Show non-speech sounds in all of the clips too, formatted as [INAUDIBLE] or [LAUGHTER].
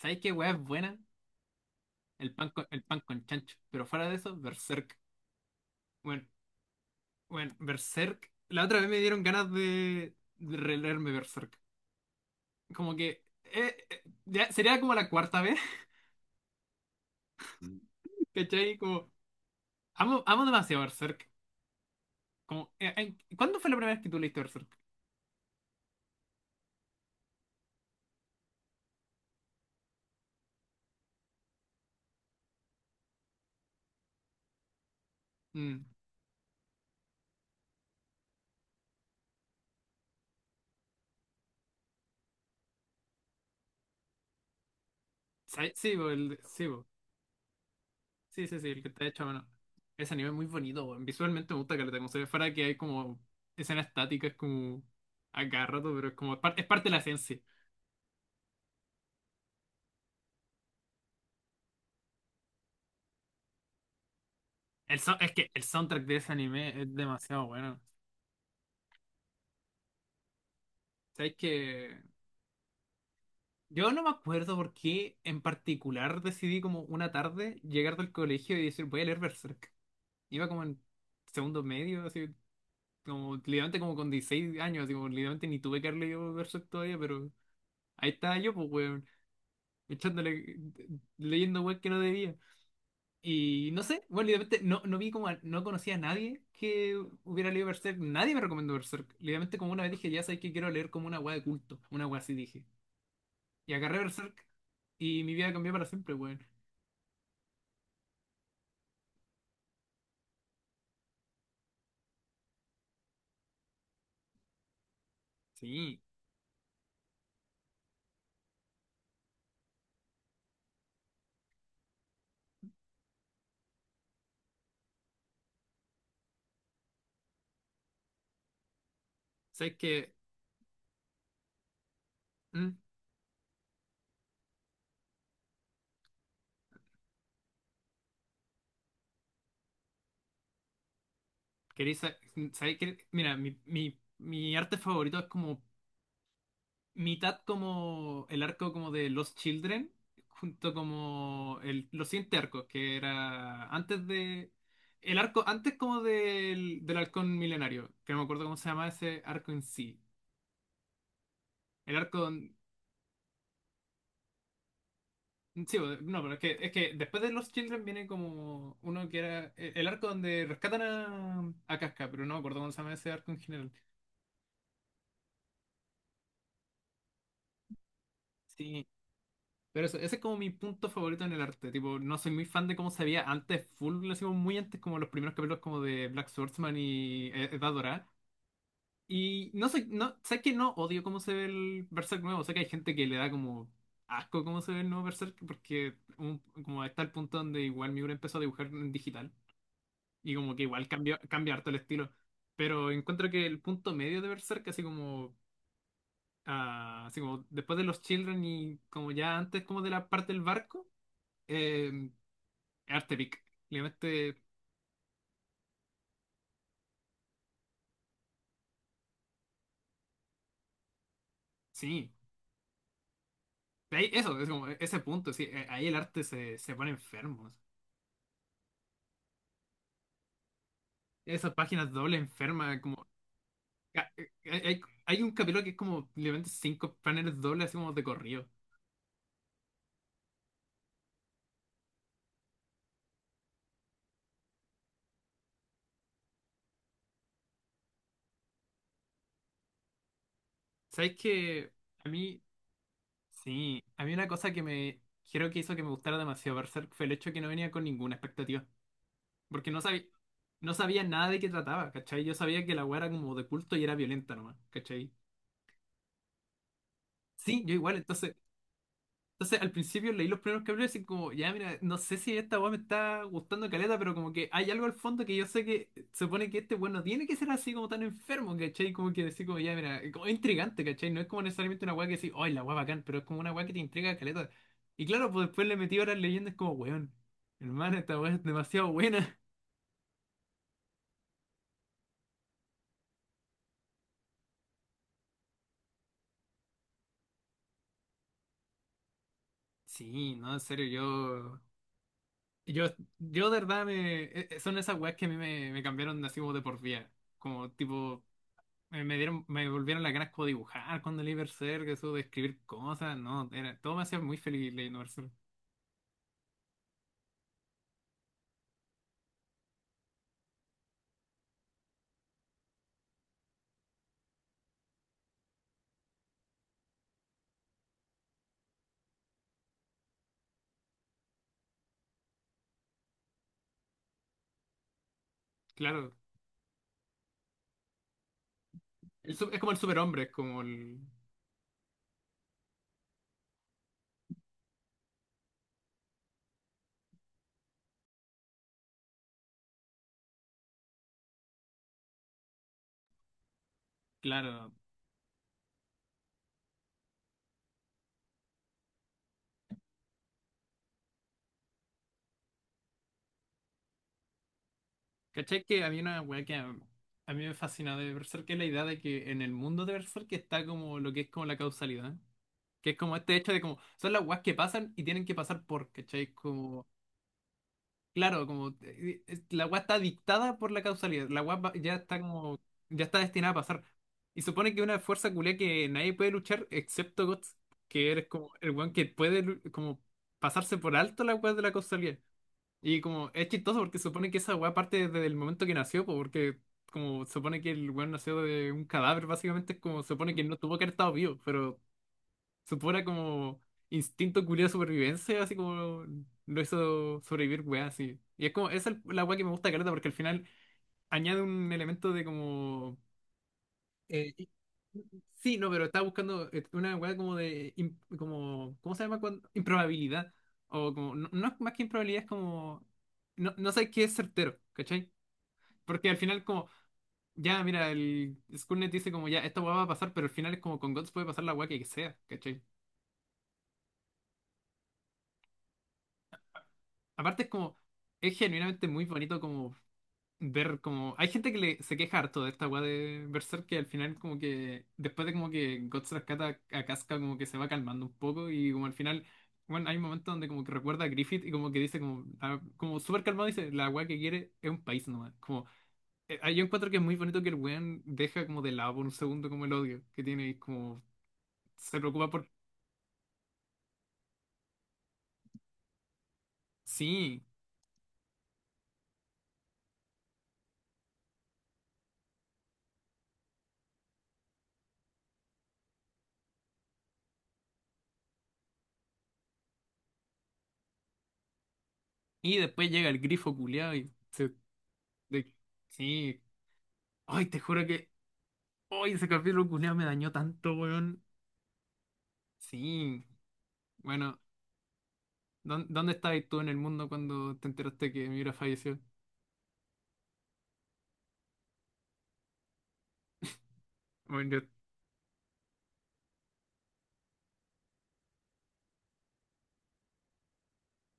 ¿Sabéis qué weá es buena? El pan con chancho. Pero fuera de eso, Berserk. Bueno, bueno, Berserk. La otra vez me dieron ganas de releerme Berserk. Como que ya sería como la cuarta vez, [LAUGHS] ¿cachai? Como amo demasiado Berserk. Como, ¿cuándo fue la primera vez que tú leíste Berserk? Mm, ¿sabes? Sí, bo, sí, bo. Sí, sí, sí, el que está hecho a mano. Ese anime es muy bonito, bo. Visualmente me gusta que como se ve fuera que hay como escenas estáticas como a cada rato, pero es como es parte de la esencia. Es que el soundtrack de ese anime es demasiado bueno. ¿Sabes que yo no me acuerdo por qué en particular decidí como una tarde llegar del colegio y decir voy a leer Berserk? Iba como en segundo medio, así como literalmente como con 16 años, así como literalmente ni tuve que haber leído Berserk todavía, pero ahí estaba yo, pues weón, echándole, leyendo weón que no debía. Y no sé, bueno, literalmente no vi como, no conocía a nadie que hubiera leído Berserk. Nadie me recomendó Berserk. Literalmente como una vez dije, ya sabes que quiero leer como una weá de culto. Una weá así dije. Y agarré Berserk y mi vida cambió para siempre, weón. Sí, sabes que... ¿Queréis sabes que... Mira, mi arte favorito es como mitad como el arco como de Los Children, junto como los siguientes arcos, que era antes de... El arco antes como del Halcón Milenario, que no me acuerdo cómo se llama ese arco en sí. El arco... don- Sí, no, pero es que después de Los Children viene como uno que era el arco donde rescatan a Casca, pero no me acuerdo cómo se llama ese arco en general. Sí, pero eso, ese es como mi punto favorito en el arte. Tipo, no soy muy fan de cómo se veía antes, full, lo hicimos muy antes, como los primeros capítulos como de Black Swordsman y Edad Dorada. Y no sé, no, sé que no odio cómo se ve el Berserk nuevo. Sé que hay gente que le da como asco cómo se ve el nuevo Berserk, porque como está el punto donde igual Miura empezó a dibujar en digital. Y como que igual cambia harto el estilo. Pero encuentro que el punto medio de Berserk, así como, ah, así como después de los Children y como ya antes como de la parte del barco. em, Arte pic. Obviamente, sí. Eso, es como ese punto, sí. Ahí el arte se pone enfermo. Esas páginas dobles enfermas, como. ca- eh, Hay, hay un capítulo que es como literalmente cinco paneles dobles, así como de corrido. ¿Sabes qué? A mí, sí. A mí una cosa que me. Creo que hizo que me gustara demasiado Berserk fue el hecho que no venía con ninguna expectativa. Porque no sabía nada de qué trataba, ¿cachai? Yo sabía que la weá era como de culto y era violenta nomás, ¿cachai? Sí, yo igual, entonces. Entonces, al principio leí los primeros capítulos y como, ya, mira, no sé si esta weá me está gustando caleta, pero como que hay algo al fondo que yo sé que se supone que este weón no tiene que ser así como tan enfermo, ¿cachai? Como que decir, como, ya, mira, como es como intrigante, ¿cachai? No es como necesariamente una weá que decís, ¡ay, la weá bacán! Pero es como una weá que te intriga caleta. Y claro, pues después le metí horas leyendo, es como, weón, hermano, esta weá es demasiado buena. Sí, no, en serio, yo. Yo, yo de verdad me. Son esas weas que a mí me cambiaron así como de por vida. Como tipo. Me volvieron las ganas como de dibujar cuando leí Berserk, eso de escribir cosas, no, era, todo me hacía muy feliz leyendo Berserk. Claro, es como el superhombre, es como el, claro. ¿Cachai que había una weá que a mí me fascina de Berserk, que es la idea de que en el mundo de Berserk está como lo que es como la causalidad, que es como este hecho de como, son las weas que pasan y tienen que pasar por, ¿cachai? Como claro, como la weá está dictada por la causalidad. Ya está como, ya está destinada a pasar. Y supone que una fuerza culia que nadie puede luchar excepto Guts, que eres como el weón que puede como pasarse por alto la weá de la causalidad. Y como es chistoso porque supone que esa weá parte desde el momento que nació, po, porque como supone que el weón nació de un cadáver, básicamente es como supone que no tuvo que haber estado vivo, pero su pura como instinto curioso de supervivencia, así como lo hizo sobrevivir, weá, así. Y es como, esa es la weá que me gusta Careta, porque al final añade un elemento de como. eh, i- sí, no, pero estaba buscando una weá como de. Como, ¿cómo se llama cuando? Improbabilidad. O como. No, no es más que improbabilidad, es como. No, no sabes qué es certero, ¿cachai? Porque al final, como. Ya, mira, el Skynet dice como ya, esta weá va a pasar, pero al final es como con Guts puede pasar la weá que sea, ¿cachai? Aparte es como, es genuinamente muy bonito como ver como... Hay gente que le, se queja harto de esta weá de Berserk que al final como que, después de como que Guts rescata a Casca como que se va calmando un poco y como al final, bueno, hay un momento donde como que recuerda a Griffith y como que dice como, ah, como súper calmado dice, la weá que quiere es un país nomás. Como, yo encuentro que es muy bonito que el weón deja como de lado por un segundo como el odio que tiene y como se preocupa por... Sí. Y después llega el grifo culiao y se... de- sí. Ay, te juro que oye, ese capítulo culiao me dañó tanto, weón. Sí, bueno, ¿dónde estabas tú en el mundo cuando te enteraste que Mira falleció? Bueno, yo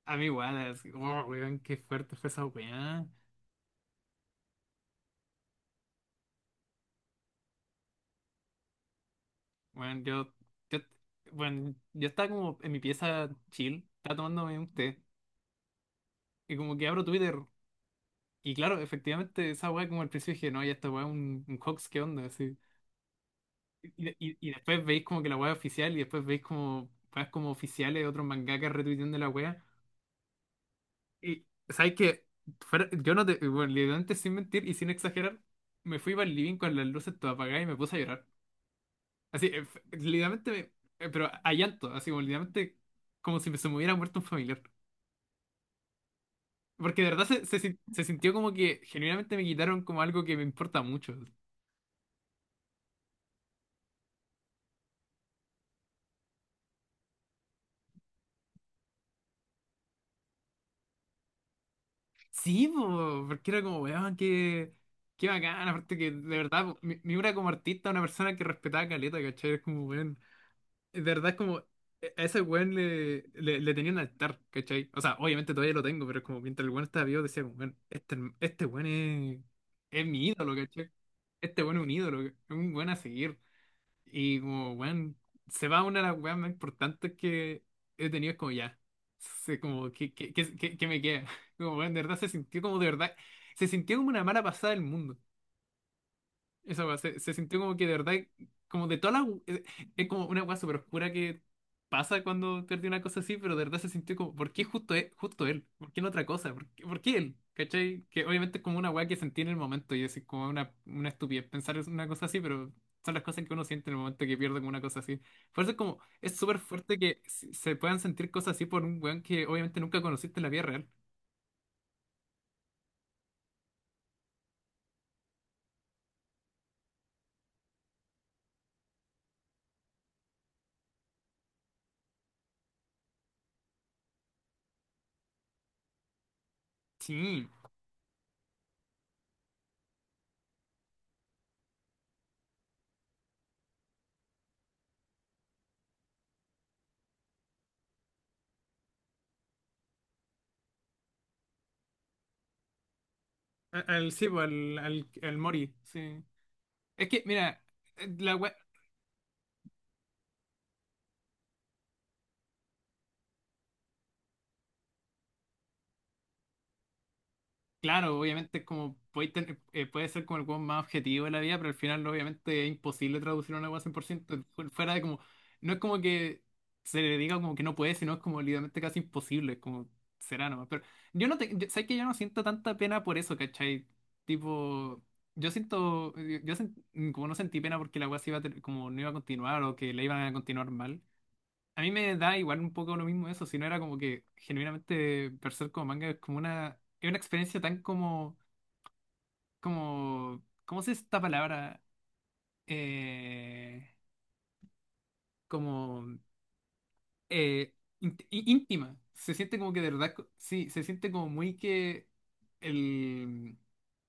a mí igual, así, oh, weón, qué fuerte fue esa weá. Bueno, yo, bueno, yo estaba como en mi pieza chill, estaba tomándome un té, y como que abro Twitter, y claro, efectivamente, esa weá como al principio dije, no, ya esta weá es un hoax, ¿qué onda? Así. Y después veis como que la weá es oficial, y después veis como weas como oficiales de otros mangakas retuiteando la weá. Y, ¿sabes qué? Fuera- yo no te, bueno, literalmente sin mentir y sin exagerar, me fui para el living con las luces todas apagadas y me puse a llorar. Así, literalmente, pero a llanto, así como literalmente como si me se me hubiera muerto un familiar. Porque de verdad se, se sin- se sintió como que genuinamente me quitaron como algo que me importa mucho. Sí, po, porque era como, weón, qué, qué bacán, aparte que de verdad, po, me iba como artista, una persona que respetaba caleta, ¿cachai? Es como, weón. De verdad es como, e, a ese weón le tenía un altar, ¿cachai? O sea, obviamente todavía lo tengo, pero es como mientras el weón estaba vivo decía, como, weón, este weón es mi ídolo, ¿cachai? Este weón es un ídolo, es un weón a seguir. Y como, weón, se va una de las weas más importantes que he tenido, es como ya, sé como, ¿qué me queda? [LAUGHS] Como, weón, de verdad se sintió como, de verdad, se sintió como una mala pasada del mundo. Esa weá se sintió como que de verdad, como de toda la. Es como una weá súper oscura que pasa cuando perdí una cosa así, pero de verdad se sintió como, ¿por qué justo él? ¿Justo él? ¿Por qué no otra cosa? Por qué él? ¿Cachai? Que obviamente es como una weá que sentí en el momento y es como una estupidez pensar en una cosa así, pero son las cosas que uno siente en el momento que pierde con una cosa así. Por eso es como, es súper fuerte que se se puedan sentir cosas así por un weón que obviamente nunca conociste en la vida real. Sí, sí, pues, al Mori, sí. Es que, mira, eh, la wea- claro, obviamente es como puede ser como el weón más objetivo de la vida, pero al final obviamente es imposible traducir una weá 100%. Fuera de como, no es como que se le diga como que no puede, sino es como literalmente casi imposible, es como será nomás. Pero yo no te, sabes que yo no siento tanta pena por eso, ¿cachai? Tipo, yo siento, yo como no sentí pena porque la weá se iba a como no iba a continuar o que la iban a continuar mal. A mí me da igual un poco lo mismo eso, si no era como que genuinamente Berserk como manga es como una, es una experiencia tan como, como, ¿cómo se dice esta palabra? Eh, como eh, íntima. Se siente como que de verdad, sí, se siente como muy que el,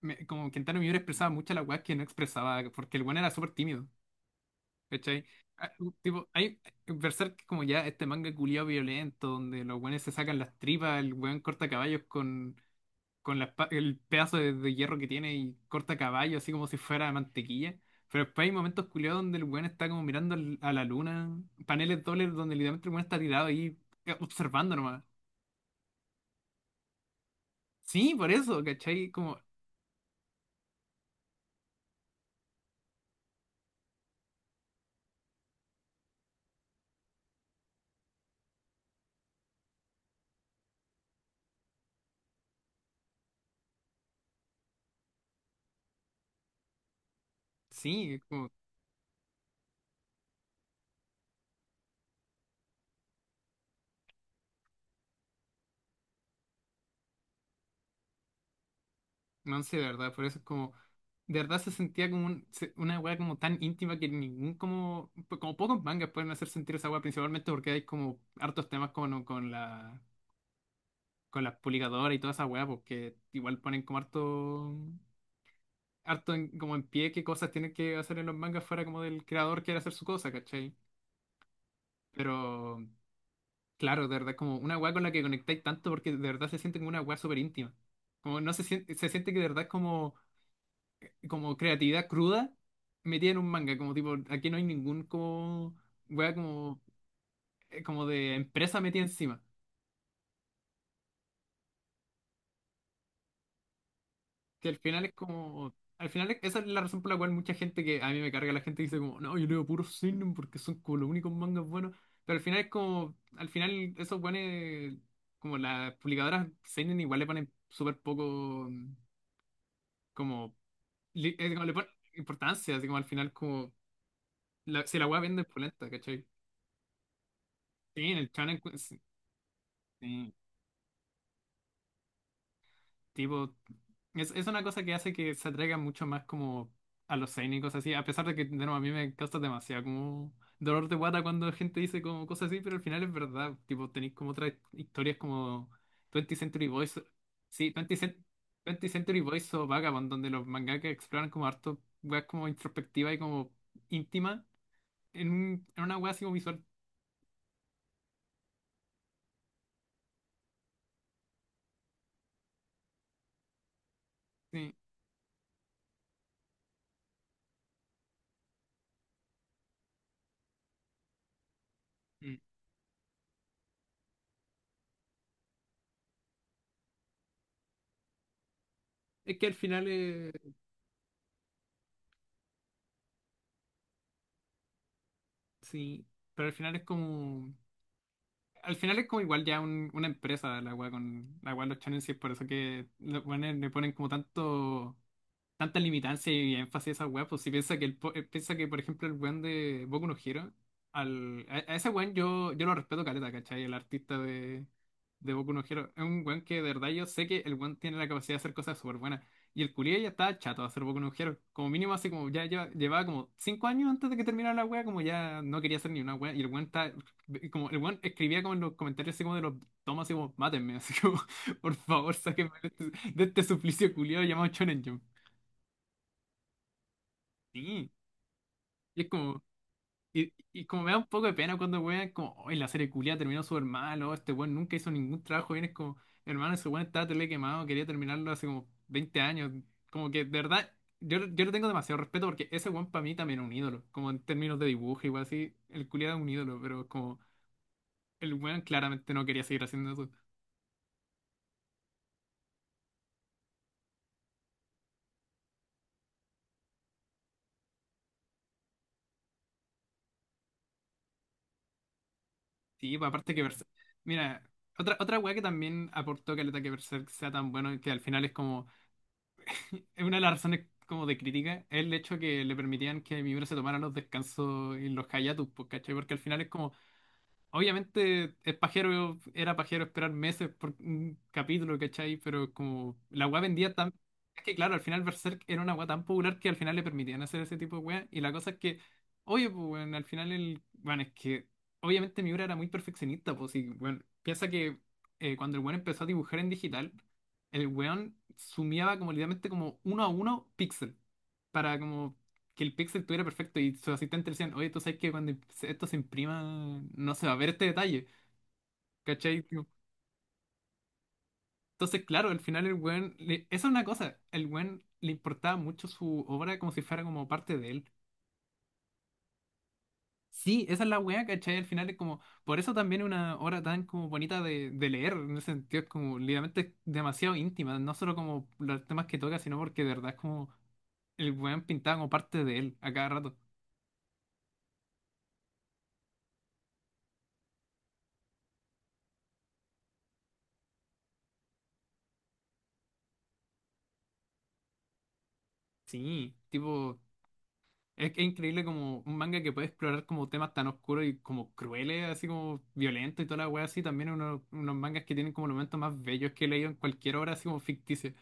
como Kentaro Miura expresaba mucho la weá que no expresaba, porque el weón era súper tímido. ¿Cachai? Ah, Tipo, hay Berserk como ya este manga culiado violento, donde los weones se sacan las tripas, el weón corta caballos con la el pedazo de hierro que tiene y corta caballos así como si fuera mantequilla. Pero después hay momentos culiados donde el weón está como mirando a la luna, paneles dobles donde literalmente el weón está tirado ahí observando nomás. Sí, por eso, ¿cachai? Como, sí, es como, no sé, de verdad, por eso es como. De verdad se sentía como una weá como tan íntima que ningún como, pues, como pocos mangas pueden hacer sentir esa weá, principalmente porque hay como hartos temas con la con las publicadoras y toda esa weá, porque igual ponen como harto harto como en pie qué cosas tienen que hacer en los mangas fuera como del creador quiere hacer su cosa, ¿cachai? Pero claro, de verdad como una weá con la que conectáis tanto porque de verdad se siente como una weá súper íntima. Como no se siente, se siente que de verdad es como como creatividad cruda metida en un manga, como tipo, aquí no hay ningún como wea como, como de empresa metida encima. Que al final es como. Al final esa es la razón por la cual mucha gente que a mí me carga la gente dice como, no, yo leo puro seinen porque son como los únicos mangas buenos. Pero al final es como, al final eso pone como las publicadoras seinen igual le ponen súper poco como, como le ponen importancia, así como al final como si la wea vende es polenta, ¿cachai? Sí, en el shonen, pues, sí. Tipo, es una cosa que hace que se atraiga mucho más como a los cénicos, así, a pesar de que, de nuevo, a mí me causa demasiado como dolor de guata cuando gente dice como cosas así, pero al final es verdad, tipo, tenéis como otras historias como 20 Century Boys, sí, 20 Century Boys o Vagabond, donde los mangakas exploran como harto, weas como introspectiva y como íntima, en, en una wea así como visual, sí. Mm. Es que al final es, sí, pero al final es como… Al final es como igual ya una empresa la weá con la weá de los challenges, por eso que le ponen como tanto tanta limitancia y énfasis a esa weá, pues si piensa que el piensa que, por ejemplo, el weón de Boku no Hero, a ese weón yo, yo lo respeto caleta, ¿cachai? El artista de Boku no Hero. Es un weón que de verdad yo sé que el weón tiene la capacidad de hacer cosas súper buenas. Y el culiao ya estaba chato de hacer Boku no Hero. Como mínimo así como ya llevaba como 5 años antes de que terminara la weá, como ya no quería hacer ni una weá. Y el weón está, como el weón escribía como en los comentarios así como de los tomas así como, mátenme, así como, [LAUGHS] por favor, sáquenme de este suplicio culiao llamado Shonen Jump. Sí, y es como, y como me da un poco de pena cuando weón, como, hoy la serie culia terminó súper mal, o este weón nunca hizo ningún trabajo bien, es como, hermano, ese weón estaba tele quemado, quería terminarlo hace como 20 años, como que de verdad, yo le tengo demasiado respeto porque ese weón para mí también es un ídolo, como en términos de dibujo, igual así, el culia es un ídolo, pero como, el weón claramente no quería seguir haciendo eso. Sí, pues, aparte que, mira, otra, otra weá que también aportó caleta que el ataque Berserk sea tan bueno, que al final es como es una de las razones como de crítica, es el hecho que le permitían que Miura se tomara los descansos y los hiatus, pues, ¿cachai? Porque al final es como, obviamente es pajero, era pajero esperar meses por un capítulo, ¿cachai? Pero como la weá vendía tan… Es que claro, al final Berserk era una weá tan popular que al final le permitían hacer ese tipo de weá. Y la cosa es que, oye, pues bueno, al final el… Bueno, es que obviamente Miura era muy perfeccionista, pues y bueno, piensa que cuando el weón empezó a dibujar en digital, el weón sumiaba como literalmente como uno a uno píxel para como que el Pixel tuviera perfecto y sus asistentes le decían, oye, tú sabes que cuando esto se imprima no se va a ver este detalle, ¿cachai? Como… Entonces, claro, al final el weón, esa es una cosa, el weón le importaba mucho su obra como si fuera como parte de él. Sí, esa es la weá, ¿cachai? Al final es como, por eso también es una obra tan como bonita de leer, en ese sentido es como literalmente es demasiado íntima, no solo como los temas que toca, sino porque de verdad es como el weón pintaba como parte de él a cada rato. Sí, tipo… Es que es increíble como un manga que puede explorar como temas tan oscuros y como crueles, así como violentos y toda la wea así. También es unos mangas que tienen como los momentos más bellos que he leído en cualquier obra, así como ficticia.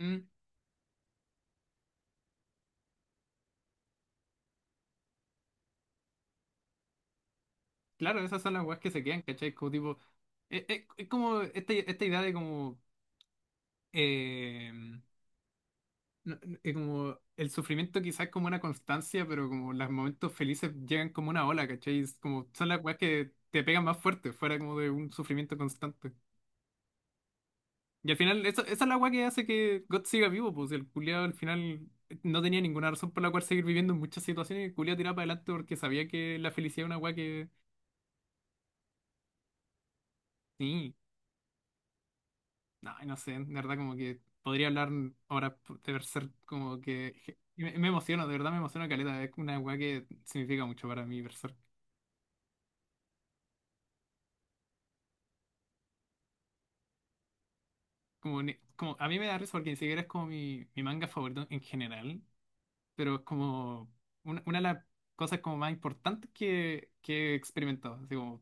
Mm, claro, esas son las weas que se quedan, ¿cachai? Como tipo, es es como esta idea de como, eh, como el sufrimiento quizás es como una constancia, pero como los momentos felices llegan como una ola, ¿cachai? Es como son las weas que te pegan más fuerte, fuera como de un sufrimiento constante. Y al final, esa es la weá que hace que God siga vivo, pues si el culiado al final no tenía ninguna razón por la cual seguir viviendo en muchas situaciones y el culiado tiraba para adelante porque sabía que la felicidad es una weá que… Sí, no, no sé, de verdad como que podría hablar ahora de ser como que… Y me emociono, de verdad me emociona caleta, es una weá que significa mucho para mí Berserk. Como, como, a mí me da risa porque ni siquiera es como mi manga favorito en general, pero es como una de las cosas como más importantes que he experimentado. Así como,